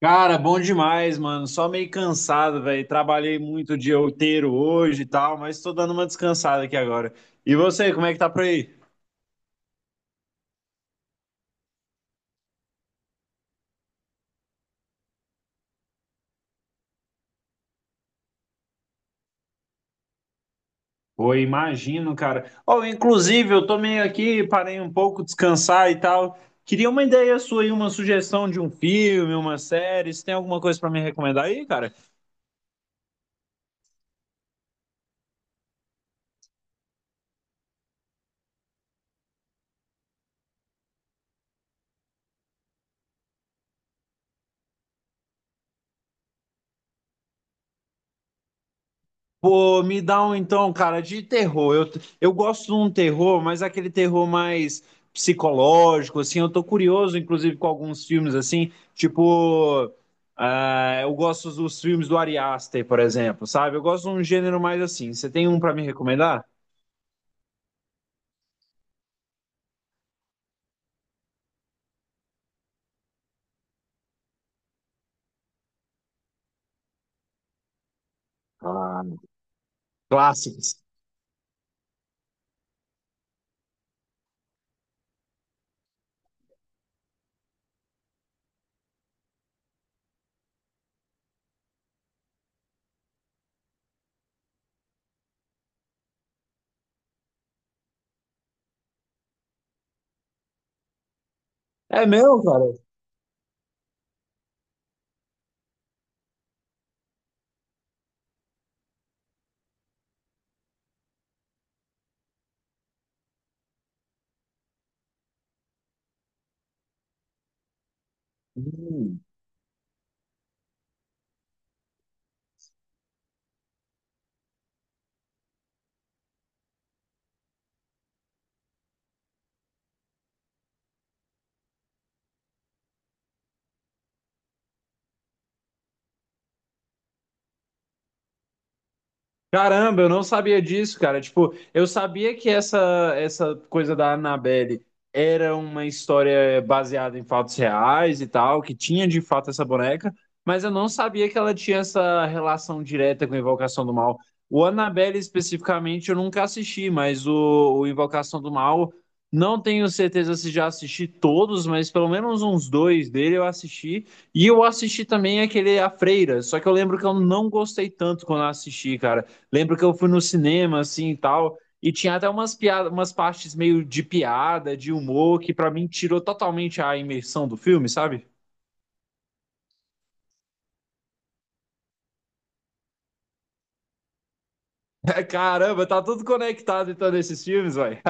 Cara, bom demais, mano. Só meio cansado, velho. Trabalhei muito o dia inteiro hoje e tal, mas tô dando uma descansada aqui agora. E você, como é que tá por aí? Pô, imagino, cara. Oh, inclusive, eu tô meio aqui, parei um pouco, descansar e tal. Queria uma ideia sua aí, uma sugestão de um filme, uma série. Você tem alguma coisa pra me recomendar aí, cara? Pô, me dá um então, cara, de terror. Eu gosto de um terror, mas é aquele terror mais psicológico, assim. Eu tô curioso, inclusive, com alguns filmes, assim, tipo. Ah, eu gosto dos filmes do Ari Aster, por exemplo, sabe? Eu gosto de um gênero mais assim. Você tem um pra me recomendar? Ah, clássicos. É meu, cara? Hum. Caramba, eu não sabia disso, cara. Tipo, eu sabia que essa coisa da Annabelle era uma história baseada em fatos reais e tal, que tinha de fato essa boneca, mas eu não sabia que ela tinha essa relação direta com a Invocação do Mal. O Annabelle especificamente eu nunca assisti, mas o Invocação do Mal, não tenho certeza se já assisti todos, mas pelo menos uns dois dele eu assisti. E eu assisti também aquele A Freira, só que eu lembro que eu não gostei tanto quando eu assisti, cara. Lembro que eu fui no cinema, assim, e tal, e tinha até umas piadas, umas partes meio de piada, de humor, que pra mim tirou totalmente a imersão do filme, sabe? Caramba, tá tudo conectado então nesses filmes, vai.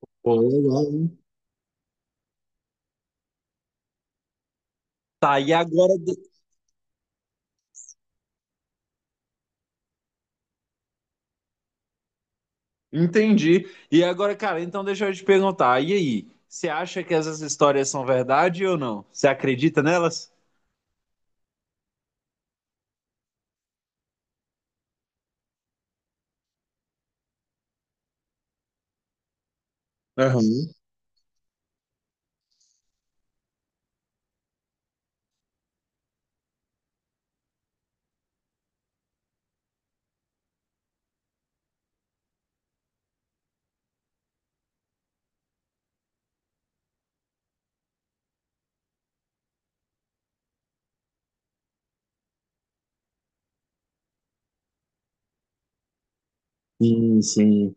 Pô, legal, hein? Tá, e agora. Entendi. E agora, cara, então deixa eu te perguntar. E aí? Você acha que essas histórias são verdade ou não? Você acredita nelas? Aham. Sim, sim.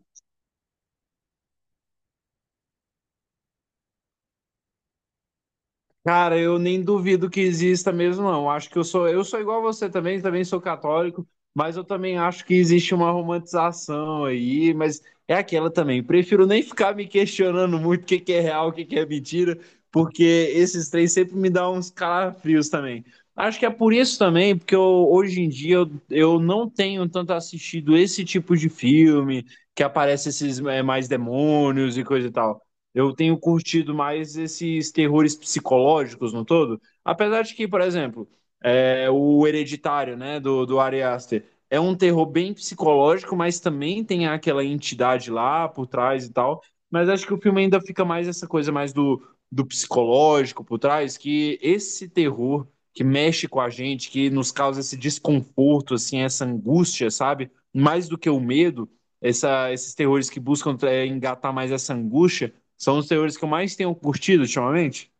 Cara, eu nem duvido que exista mesmo, não. Acho que eu sou igual você também, também sou católico, mas eu também acho que existe uma romantização aí, mas é aquela também. Prefiro nem ficar me questionando muito o que que é real, o que que é mentira, porque esses três sempre me dão uns calafrios também. Acho que é por isso também, porque eu, hoje em dia eu não tenho tanto assistido esse tipo de filme que aparece esses mais demônios e coisa e tal. Eu tenho curtido mais esses terrores psicológicos no todo. Apesar de que, por exemplo, é, o Hereditário, né, do Ari Aster, é um terror bem psicológico, mas também tem aquela entidade lá por trás e tal. Mas acho que o filme ainda fica mais essa coisa mais do, do psicológico por trás, que esse terror que mexe com a gente, que nos causa esse desconforto, assim, essa angústia, sabe? Mais do que o medo, essa, esses terrores que buscam engatar mais essa angústia, são os teores que eu mais tenho curtido ultimamente?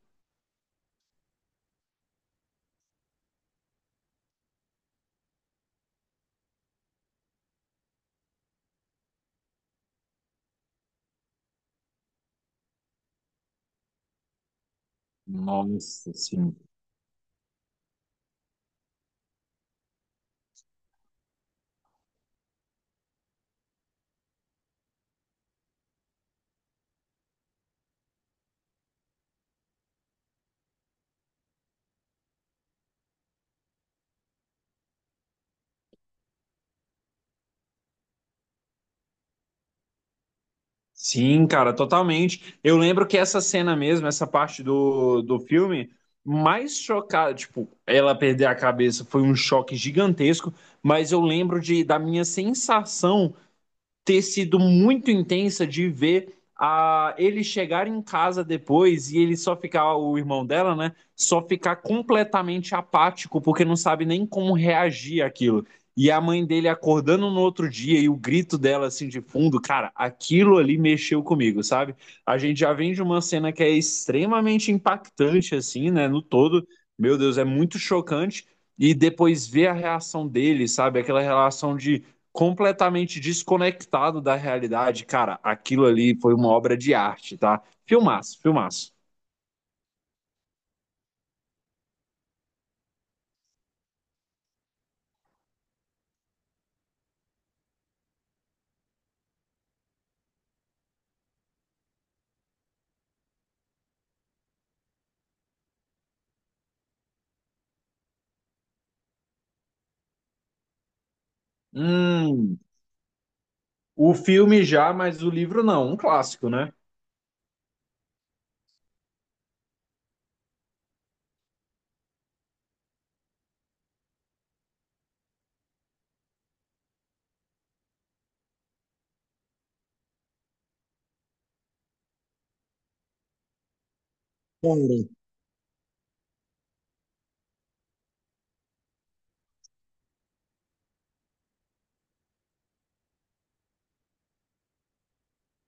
Nossa, sim. Sim, cara, totalmente. Eu lembro que essa cena mesmo, essa parte do filme, mais chocada, tipo, ela perder a cabeça foi um choque gigantesco, mas eu lembro de, da minha sensação ter sido muito intensa de ver a ele chegar em casa depois e ele só ficar, o irmão dela, né? Só ficar completamente apático, porque não sabe nem como reagir àquilo. E a mãe dele acordando no outro dia e o grito dela assim de fundo, cara, aquilo ali mexeu comigo, sabe? A gente já vem de uma cena que é extremamente impactante, assim, né? No todo, meu Deus, é muito chocante. E depois ver a reação dele, sabe? Aquela relação de completamente desconectado da realidade. Cara, aquilo ali foi uma obra de arte, tá? Filmaço, filmaço. Hum, o filme já, mas o livro não, um clássico, né?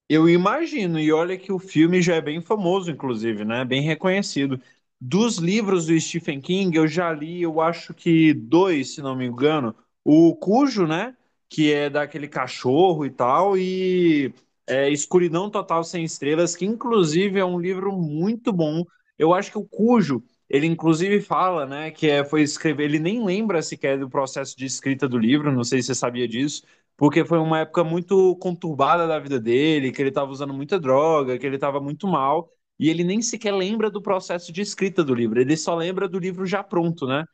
Eu imagino, e olha que o filme já é bem famoso, inclusive, né? Bem reconhecido. Dos livros do Stephen King, eu já li, eu acho que dois, se não me engano. O Cujo, né? Que é daquele cachorro e tal, e é, Escuridão Total Sem Estrelas, que inclusive é um livro muito bom. Eu acho que o Cujo, ele inclusive fala, né? Que é, foi escrever, ele nem lembra sequer do processo de escrita do livro, não sei se você sabia disso porque foi uma época muito conturbada da vida dele, que ele estava usando muita droga, que ele estava muito mal, e ele nem sequer lembra do processo de escrita do livro, ele só lembra do livro já pronto, né?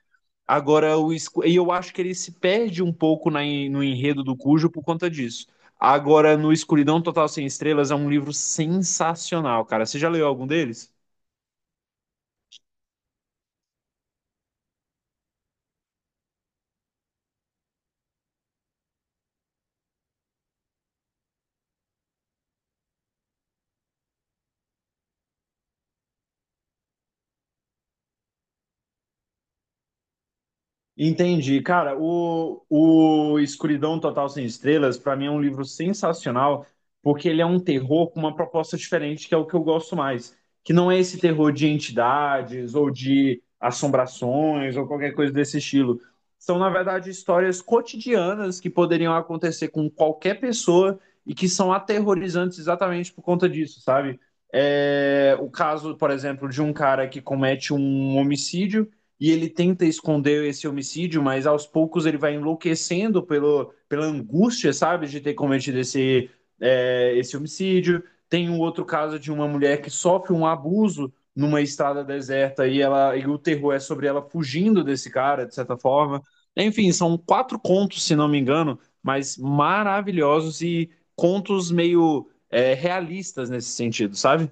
Agora, o, e eu acho que ele se perde um pouco na, no enredo do Cujo por conta disso. Agora, no Escuridão Total Sem Estrelas é um livro sensacional, cara. Você já leu algum deles? Entendi. Cara, o Escuridão Total Sem Estrelas, pra mim, é um livro sensacional, porque ele é um terror com uma proposta diferente, que é o que eu gosto mais. Que não é esse terror de entidades ou de assombrações ou qualquer coisa desse estilo. São, na verdade, histórias cotidianas que poderiam acontecer com qualquer pessoa e que são aterrorizantes exatamente por conta disso, sabe? É, o caso, por exemplo, de um cara que comete um homicídio e ele tenta esconder esse homicídio, mas aos poucos ele vai enlouquecendo pelo, pela angústia, sabe, de ter cometido esse, é, esse homicídio. Tem um outro caso de uma mulher que sofre um abuso numa estrada deserta e ela e o terror é sobre ela fugindo desse cara, de certa forma. Enfim, são quatro contos, se não me engano, mas maravilhosos e contos meio é, realistas nesse sentido, sabe?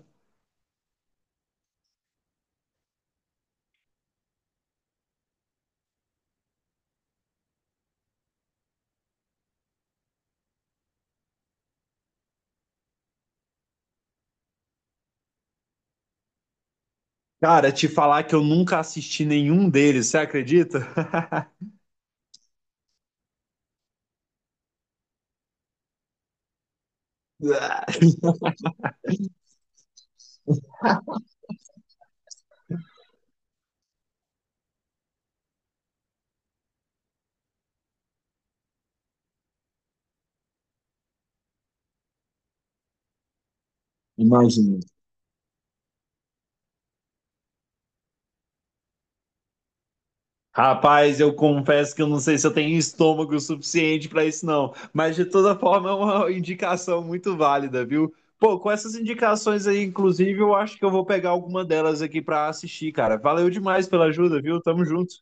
Cara, te falar que eu nunca assisti nenhum deles, você acredita? Imagina. Rapaz, eu confesso que eu não sei se eu tenho estômago suficiente para isso, não. Mas de toda forma é uma indicação muito válida, viu? Pô, com essas indicações aí, inclusive, eu acho que eu vou pegar alguma delas aqui para assistir, cara. Valeu demais pela ajuda, viu? Tamo junto.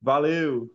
Valeu.